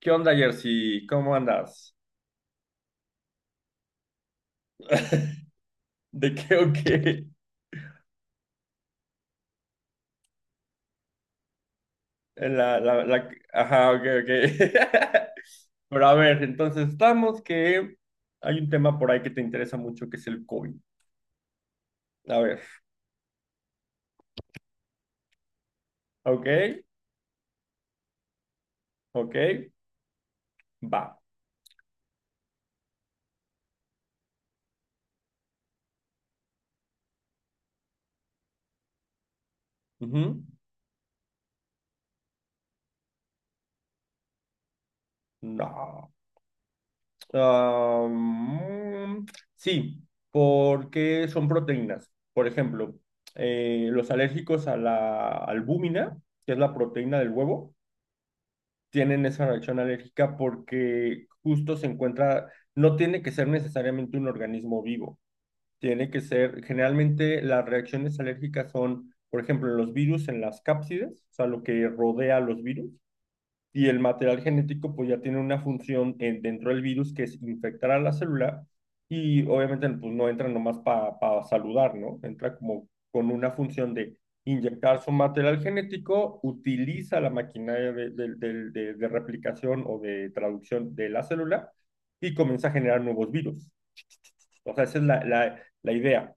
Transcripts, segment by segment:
¿Qué onda, Jersey? ¿Cómo andas? ¿De qué o qué? Ajá, ok, ok. Pero a ver, entonces estamos que hay un tema por ahí que te interesa mucho que es el COVID. A ver, ok, ok, va. Ujú. No. Am, sí, porque son proteínas. Por ejemplo, los alérgicos a la albúmina, que es la proteína del huevo tienen esa reacción alérgica porque justo se encuentra, no tiene que ser necesariamente un organismo vivo, tiene que ser, generalmente las reacciones alérgicas son, por ejemplo, en los virus, en las cápsides, o sea, lo que rodea a los virus, y el material genético pues ya tiene una función dentro del virus que es infectar a la célula y obviamente pues no entra nomás para pa saludar, ¿no? Entra como con una función de inyectar su material genético, utiliza la maquinaria de, de replicación o de traducción de la célula y comienza a generar nuevos virus. O sea, esa es la idea.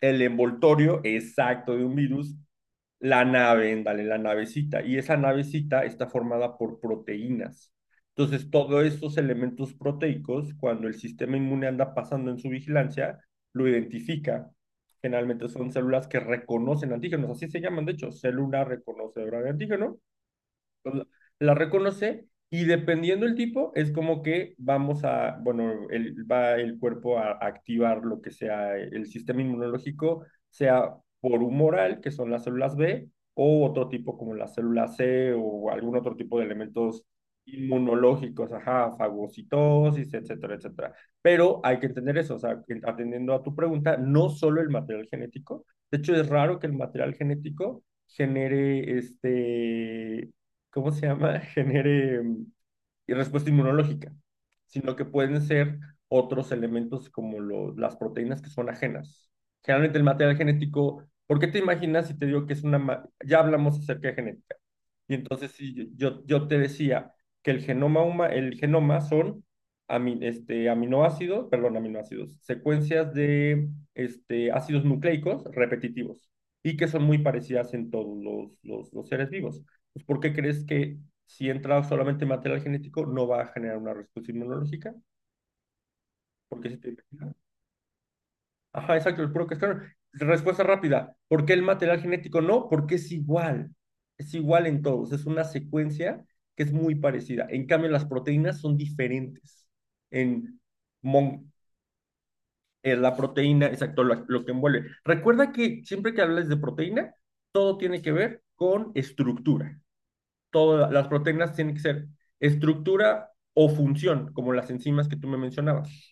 El envoltorio exacto de un virus. La nave, ándale, la navecita. Y esa navecita está formada por proteínas. Entonces, todos estos elementos proteicos, cuando el sistema inmune anda pasando en su vigilancia, lo identifica. Generalmente son células que reconocen antígenos, así se llaman, de hecho, célula reconocedora de antígeno la, la reconoce y dependiendo el tipo, es como que vamos a, bueno, el, va el cuerpo a activar lo que sea el sistema inmunológico, sea por humoral, que son las células B, o otro tipo como la célula C o algún otro tipo de elementos inmunológicos, ajá, fagocitosis, etcétera, etcétera. Pero hay que entender eso, o sea, atendiendo a tu pregunta, no solo el material genético, de hecho es raro que el material genético genere ¿cómo se llama? Genere respuesta inmunológica, sino que pueden ser otros elementos como las proteínas que son ajenas. Generalmente el material genético, ¿por qué te imaginas si te digo que es una... Ya hablamos acerca de genética. Y entonces sí, yo te decía que el el genoma son aminoácidos, perdón, aminoácidos, secuencias de ácidos nucleicos repetitivos y que son muy parecidas en todos los seres vivos. Pues, ¿por qué crees que si entra solamente material genético no va a generar una respuesta inmunológica? Porque si te... Ajá, exacto, el puro cascarón. Respuesta rápida. ¿Por qué el material genético no? Porque es igual. Es igual en todos. Es una secuencia que es muy parecida. En cambio, las proteínas son diferentes. En, mon- en la proteína, exacto, lo que envuelve. Recuerda que siempre que hables de proteína, todo tiene que ver con estructura. Todas las proteínas tienen que ser estructura o función, como las enzimas que tú me mencionabas.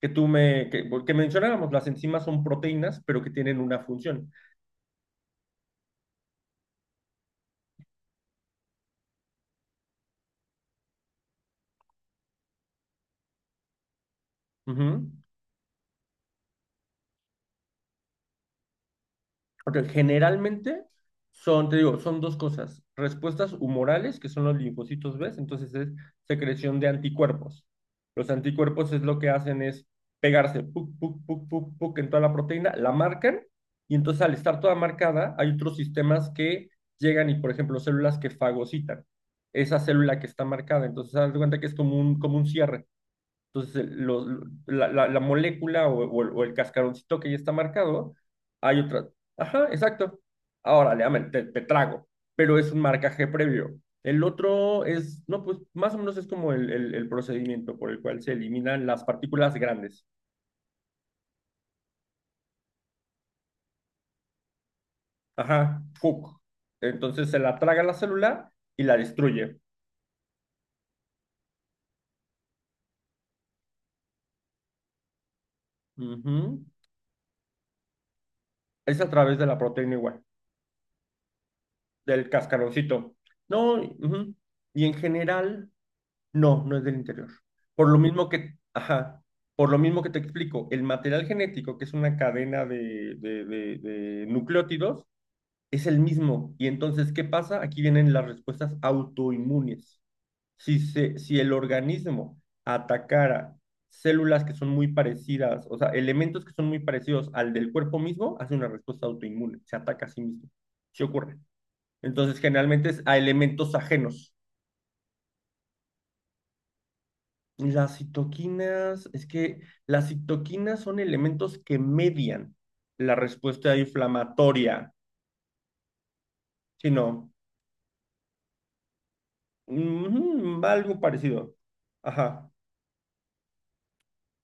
Que que mencionábamos, las enzimas son proteínas, pero que tienen una función. Ujú. Ok, generalmente son, te digo, son dos cosas, respuestas humorales, que son los linfocitos B, entonces es secreción de anticuerpos. Los anticuerpos es lo que hacen es pegarse, puc, puc, puc, puc, puc, en toda la proteína, la marcan, y entonces al estar toda marcada, hay otros sistemas que llegan y, por ejemplo, células que fagocitan esa célula que está marcada. Entonces, haz de cuenta que es como un cierre. Entonces, la molécula o, o el cascaroncito que ya está marcado, hay otra. Ajá, exacto. Ahora, le amen, te trago, pero es un marcaje previo. El otro es, no, pues más o menos es como el procedimiento por el cual se eliminan las partículas grandes. Ajá, hook. Entonces se la traga la célula y la destruye. Ujú. Es a través de la proteína igual, del cascaroncito. No, ujú. Y en general. No, no es del interior. Por lo mismo que, ajá, por lo mismo que te explico, el material genético, que es una cadena de- nucleótidos, es el mismo. Y entonces, ¿qué pasa? Aquí vienen las respuestas autoinmunes. Si el organismo atacara células que son muy parecidas, o sea, elementos que son muy parecidos al del cuerpo mismo, hace una respuesta autoinmune, se ataca a sí mismo. Sí ocurre. Entonces, generalmente es a elementos ajenos. Las citoquinas, es que las citoquinas son elementos que median la respuesta inflamatoria, sino algo parecido. Ajá,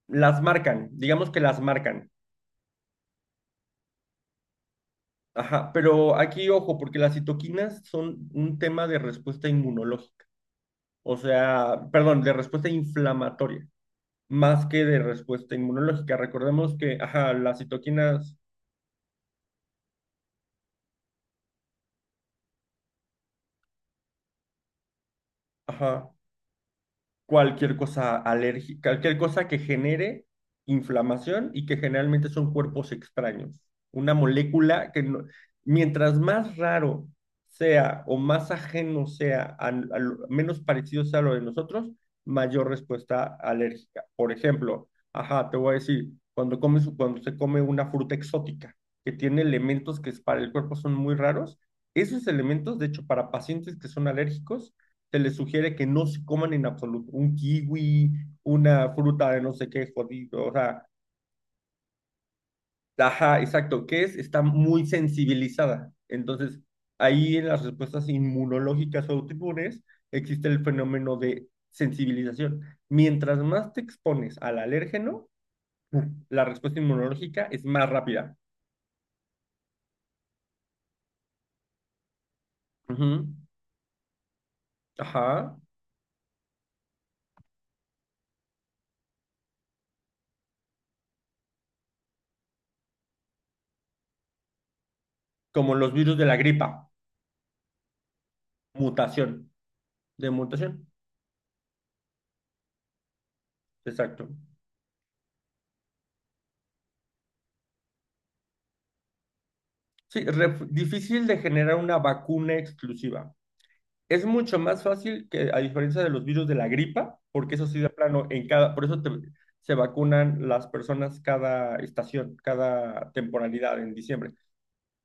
las marcan, digamos que las marcan. Ajá, pero aquí ojo, porque las citoquinas son un tema de respuesta inmunológica, o sea, perdón, de respuesta inflamatoria, más que de respuesta inmunológica. Recordemos que, ajá, las citoquinas, ajá. Cualquier cosa alérgica, cualquier cosa que genere inflamación y que generalmente son cuerpos extraños. Una molécula que no- Mientras más raro sea o más ajeno sea, menos parecido sea a lo de nosotros, mayor respuesta alérgica. Por ejemplo, ajá, te voy a decir, cuando se come una fruta exótica que tiene elementos para el cuerpo son muy raros, esos elementos, de hecho, para pacientes que son alérgicos, se les sugiere que no se coman en absoluto un kiwi, una fruta de no sé qué jodido, o sea, ajá, exacto, que es, está muy sensibilizada. Entonces, ahí en las respuestas inmunológicas o autoinmunes existe el fenómeno de sensibilización. Mientras más te expones al alérgeno, la respuesta inmunológica es más rápida. Ujú. Ajá. Como los virus de la gripa, mutación, de mutación, exacto. Sí, difícil de generar una vacuna exclusiva. Es mucho más fácil que, a diferencia de los virus de la gripa, porque eso sí de plano, en cada, se vacunan las personas cada estación, cada temporalidad en diciembre.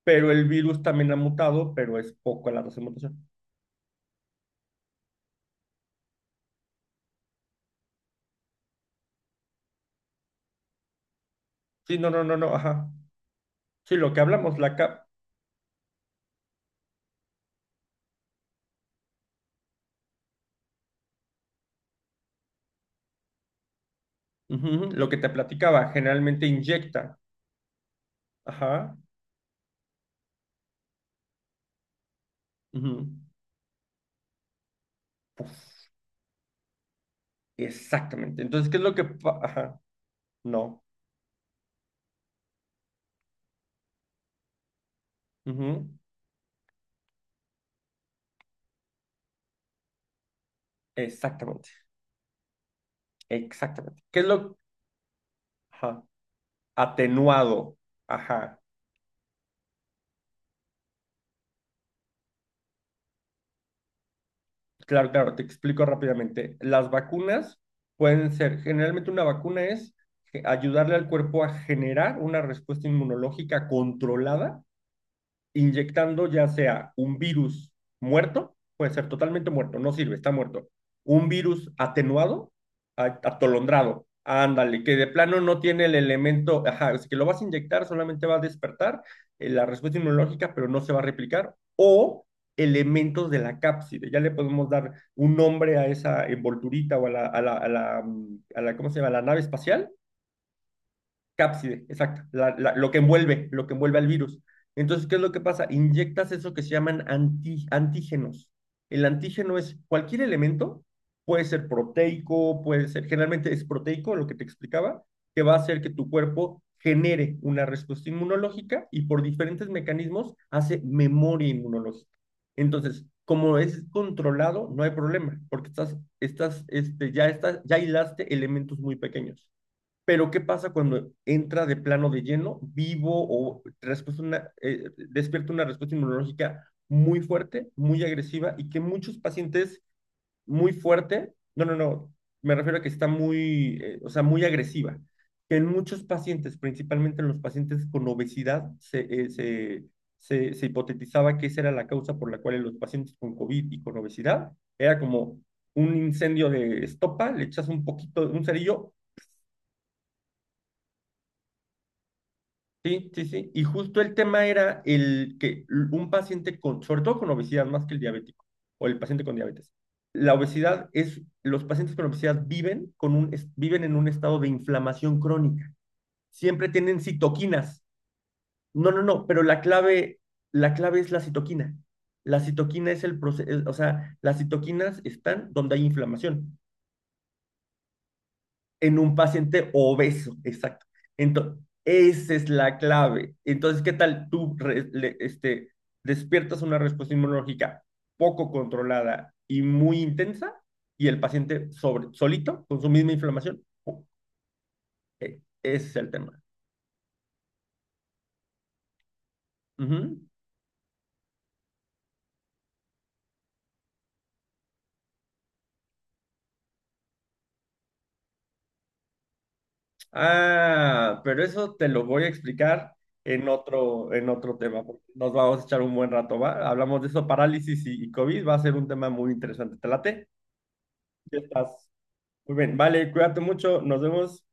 Pero el virus también ha mutado, pero es poco la tasa de mutación. Sí, no, no, no, no, ajá. Sí, lo que hablamos, ujú, ujú, lo que te platicaba, generalmente inyecta. Ajá. Ujú. Puf, exactamente. Entonces, ¿qué es lo que... pa- Ajá. No. Ujú. Exactamente. Exactamente. ¿Qué es lo... ajá, atenuado? Ajá. Claro, claro, te explico rápidamente. Las vacunas pueden ser, generalmente una vacuna es ayudarle al cuerpo a generar una respuesta inmunológica controlada inyectando ya sea un virus muerto, puede ser totalmente muerto, no sirve, está muerto, un virus atenuado, atolondrado, ándale, que de plano no tiene el elemento, ajá, es que lo vas a inyectar, solamente va a despertar la respuesta inmunológica, pero no se va a replicar, o elementos de la cápside, ya le podemos dar un nombre a esa envolturita o a la, ¿cómo se llama?, a la nave espacial cápside, exacto, lo que envuelve al virus. Entonces, ¿qué es lo que pasa? Inyectas eso que se llaman antígenos. El antígeno es cualquier elemento, puede ser proteico, puede ser, generalmente es proteico, lo que te explicaba, que va a hacer que tu cuerpo genere una respuesta inmunológica y por diferentes mecanismos hace memoria inmunológica. Entonces, como es controlado, no hay problema, porque estás, estás, este, ya estás, ya hilaste elementos muy pequeños. Pero ¿qué pasa cuando entra de plano de lleno, vivo o respuesta una, despierta una respuesta inmunológica muy fuerte, muy agresiva y que muchos pacientes muy fuerte, no, no, no, me refiero a que está muy, o sea, muy agresiva, que en muchos pacientes, principalmente en los pacientes con obesidad, se hipotetizaba que esa era la causa por la cual en los pacientes con COVID y con obesidad era como un incendio de estopa, le echas un poquito, un cerillo. Sí, sí, sí. Y justo el tema era el que un paciente con, sobre todo con obesidad, más que el diabético o el paciente con diabetes. La obesidad es, los pacientes con obesidad viven con un, viven en un estado de inflamación crónica. Siempre tienen citoquinas. No, no, no, pero la clave es la citoquina. La citoquina es el proceso, o sea, las citoquinas están donde hay inflamación. En un paciente obeso, exacto. Entonces, esa es la clave. Entonces, ¿qué tal tú despiertas una respuesta inmunológica poco controlada y muy intensa y el paciente sobre, solito con su misma inflamación? Oh, ese es el tema. Ujú. Ah, pero eso te lo voy a explicar en otro tema, porque nos vamos a echar un buen rato, ¿va? Hablamos de eso, parálisis y COVID, va a ser un tema muy interesante. ¿Te late? Ya estás. Muy bien, vale, cuídate mucho, nos vemos.